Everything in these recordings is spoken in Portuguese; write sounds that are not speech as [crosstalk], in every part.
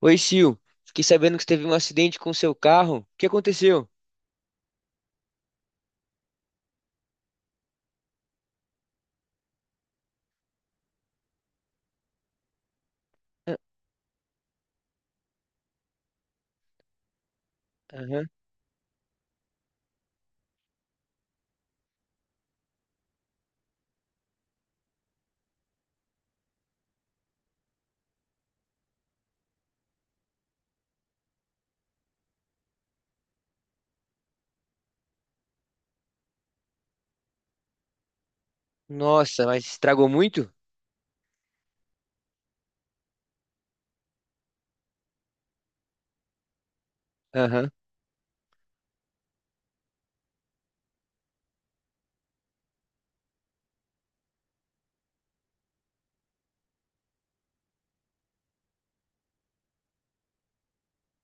Oi, Sil. Fiquei sabendo que você teve um acidente com seu carro. O que aconteceu? Ah, aham. Nossa, mas estragou muito? Aham.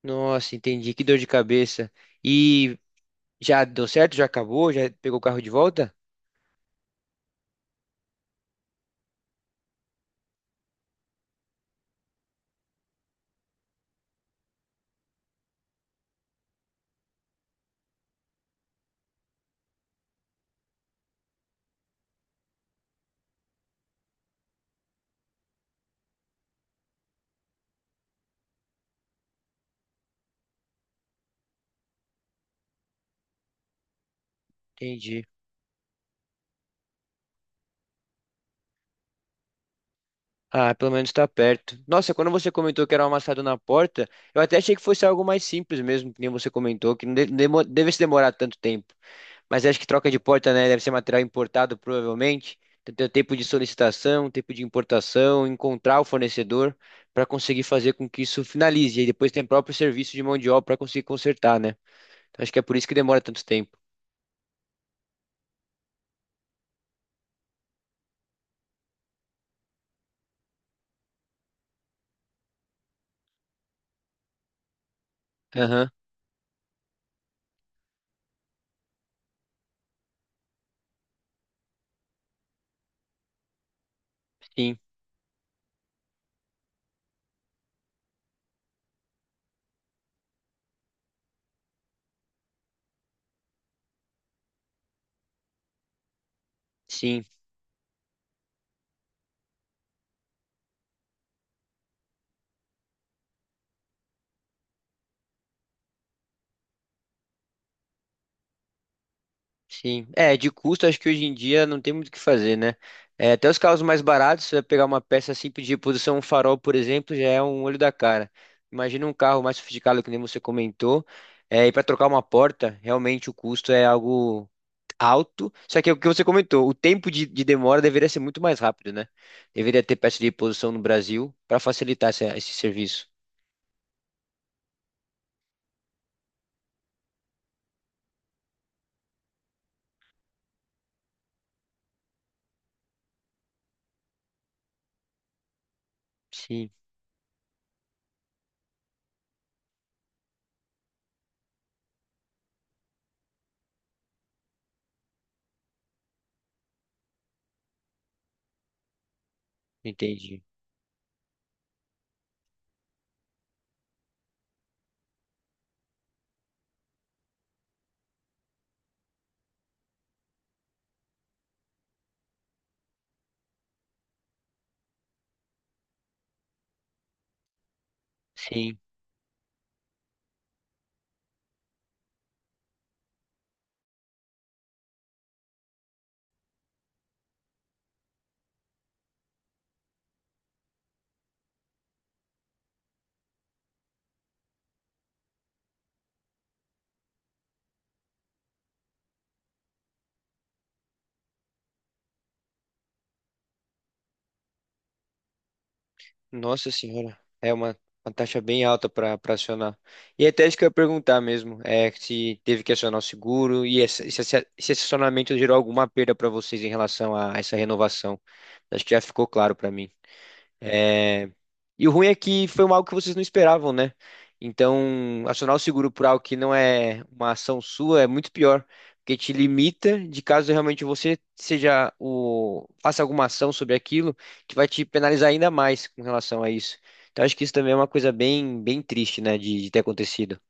Nossa, entendi. Que dor de cabeça. E já deu certo? Já acabou? Já pegou o carro de volta? Entendi. Ah, pelo menos tá perto. Nossa, quando você comentou que era um amassado na porta, eu até achei que fosse algo mais simples mesmo, que nem você comentou, que não devesse demorar tanto tempo. Mas acho que troca de porta, né? Deve ser material importado, provavelmente. Então tem o tempo de solicitação, tempo de importação, encontrar o fornecedor para conseguir fazer com que isso finalize. E aí depois tem o próprio serviço de mão de obra para conseguir consertar, né? Então, acho que é por isso que demora tanto tempo. Aham, sim, sim. Sim, é, de custo acho que hoje em dia não tem muito o que fazer, né? É, até os carros mais baratos, você vai pegar uma peça simples de reposição, um farol, por exemplo, já é um olho da cara. Imagina um carro mais sofisticado, que nem você comentou, é, e para trocar uma porta, realmente o custo é algo alto, só que é o que você comentou, o tempo de demora deveria ser muito mais rápido, né? Deveria ter peça de reposição no Brasil para facilitar esse, esse serviço. Sim, entendi. Sim. Nossa senhora, é uma taxa bem alta para para acionar. E é até isso que eu ia perguntar mesmo, é se teve que acionar o seguro e esse acionamento gerou alguma perda para vocês em relação a essa renovação. Acho que já ficou claro para mim. É, e o ruim é que foi um algo que vocês não esperavam, né? Então, acionar o seguro por algo que não é uma ação sua é muito pior, porque te limita de caso realmente você seja o faça alguma ação sobre aquilo, que vai te penalizar ainda mais com relação a isso. Então, acho que isso também é uma coisa bem, bem triste, né, de ter acontecido.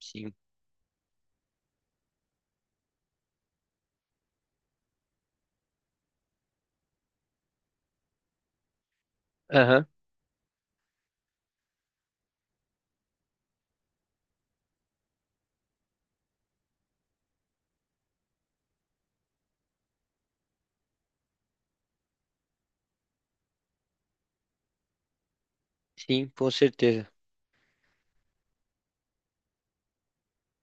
Sim. Aham. Sim, com certeza.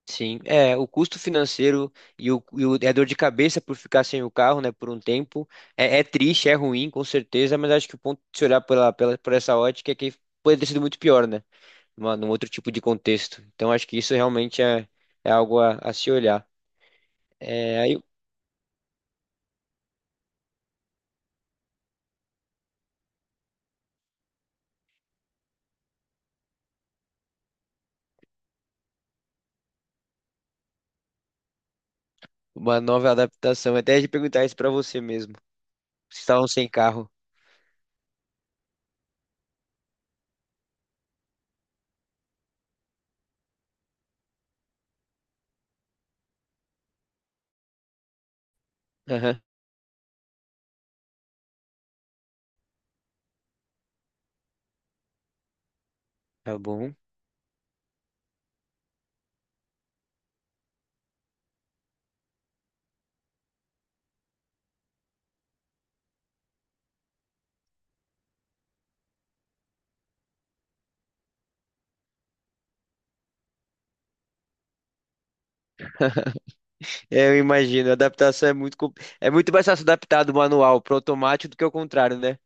Sim, é, o custo financeiro e a dor de cabeça por ficar sem o carro, né, por um tempo, é, é triste, é ruim, com certeza, mas acho que o ponto de se olhar pela, pela, por essa ótica é que poderia ter sido muito pior, né, num outro tipo de contexto. Então, acho que isso realmente é, é algo a se olhar. É, aí, uma nova adaptação, até de perguntar isso para você mesmo, vocês estavam sem carro. Aham. [laughs] Tá bom. É, eu imagino, a adaptação é muito, é muito mais fácil adaptar do manual para automático do que o contrário, né?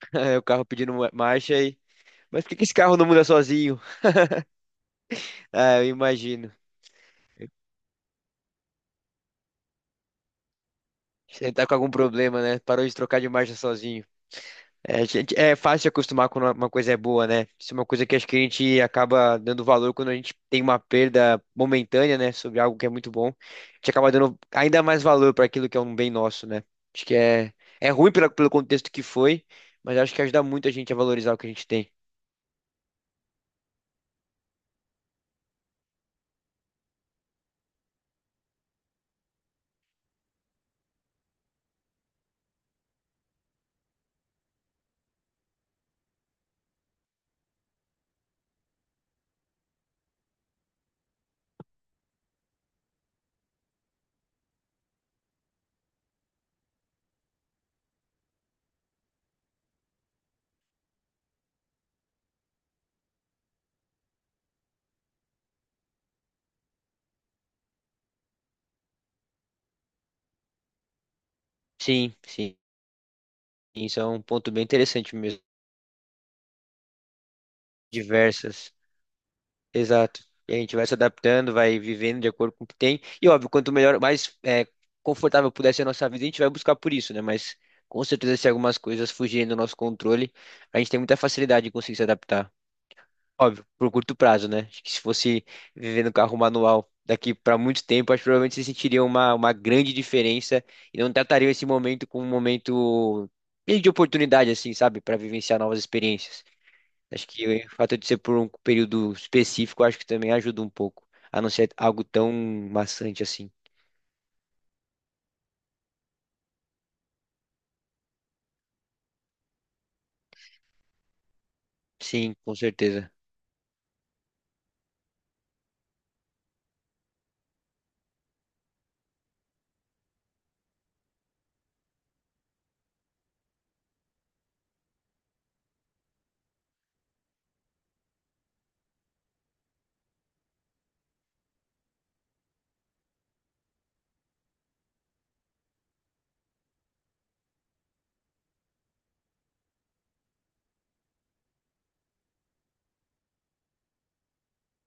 [laughs] É, o carro pedindo marcha aí. Mas por que que esse carro não muda sozinho? [laughs] Ah, eu imagino. Você tá com algum problema, né? Parou de trocar de marcha sozinho. É, a gente, é fácil se acostumar quando uma coisa é boa, né? Isso é uma coisa que acho que a gente acaba dando valor quando a gente tem uma perda momentânea, né? Sobre algo que é muito bom. A gente acaba dando ainda mais valor para aquilo que é um bem nosso, né? Acho que é, é ruim pela, pelo contexto que foi, mas acho que ajuda muito a gente a valorizar o que a gente tem. Sim, sim. Isso é um ponto bem interessante mesmo. Diversas. Exato. E a gente vai se adaptando, vai vivendo de acordo com o que tem. E óbvio, quanto melhor, mais é, confortável puder ser a nossa vida, a gente vai buscar por isso, né? Mas com certeza, se algumas coisas fugirem do nosso controle, a gente tem muita facilidade de conseguir se adaptar. Óbvio, por curto prazo, né? Acho que se fosse viver no carro manual daqui para muito tempo, acho que provavelmente você sentiria uma grande diferença e não trataria esse momento como um momento meio de oportunidade, assim, sabe? Para vivenciar novas experiências. Acho que o fato de ser por um período específico, acho que também ajuda um pouco, a não ser algo tão maçante assim. Sim, com certeza.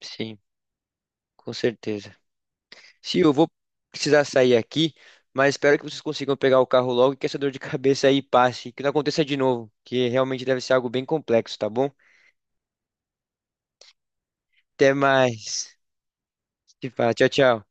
Sim, com certeza. Sim, eu vou precisar sair aqui, mas espero que vocês consigam pegar o carro logo e que essa dor de [laughs] cabeça aí passe, que não aconteça de novo, que realmente deve ser algo bem complexo, tá bom? Até mais. Se fala, tchau, tchau.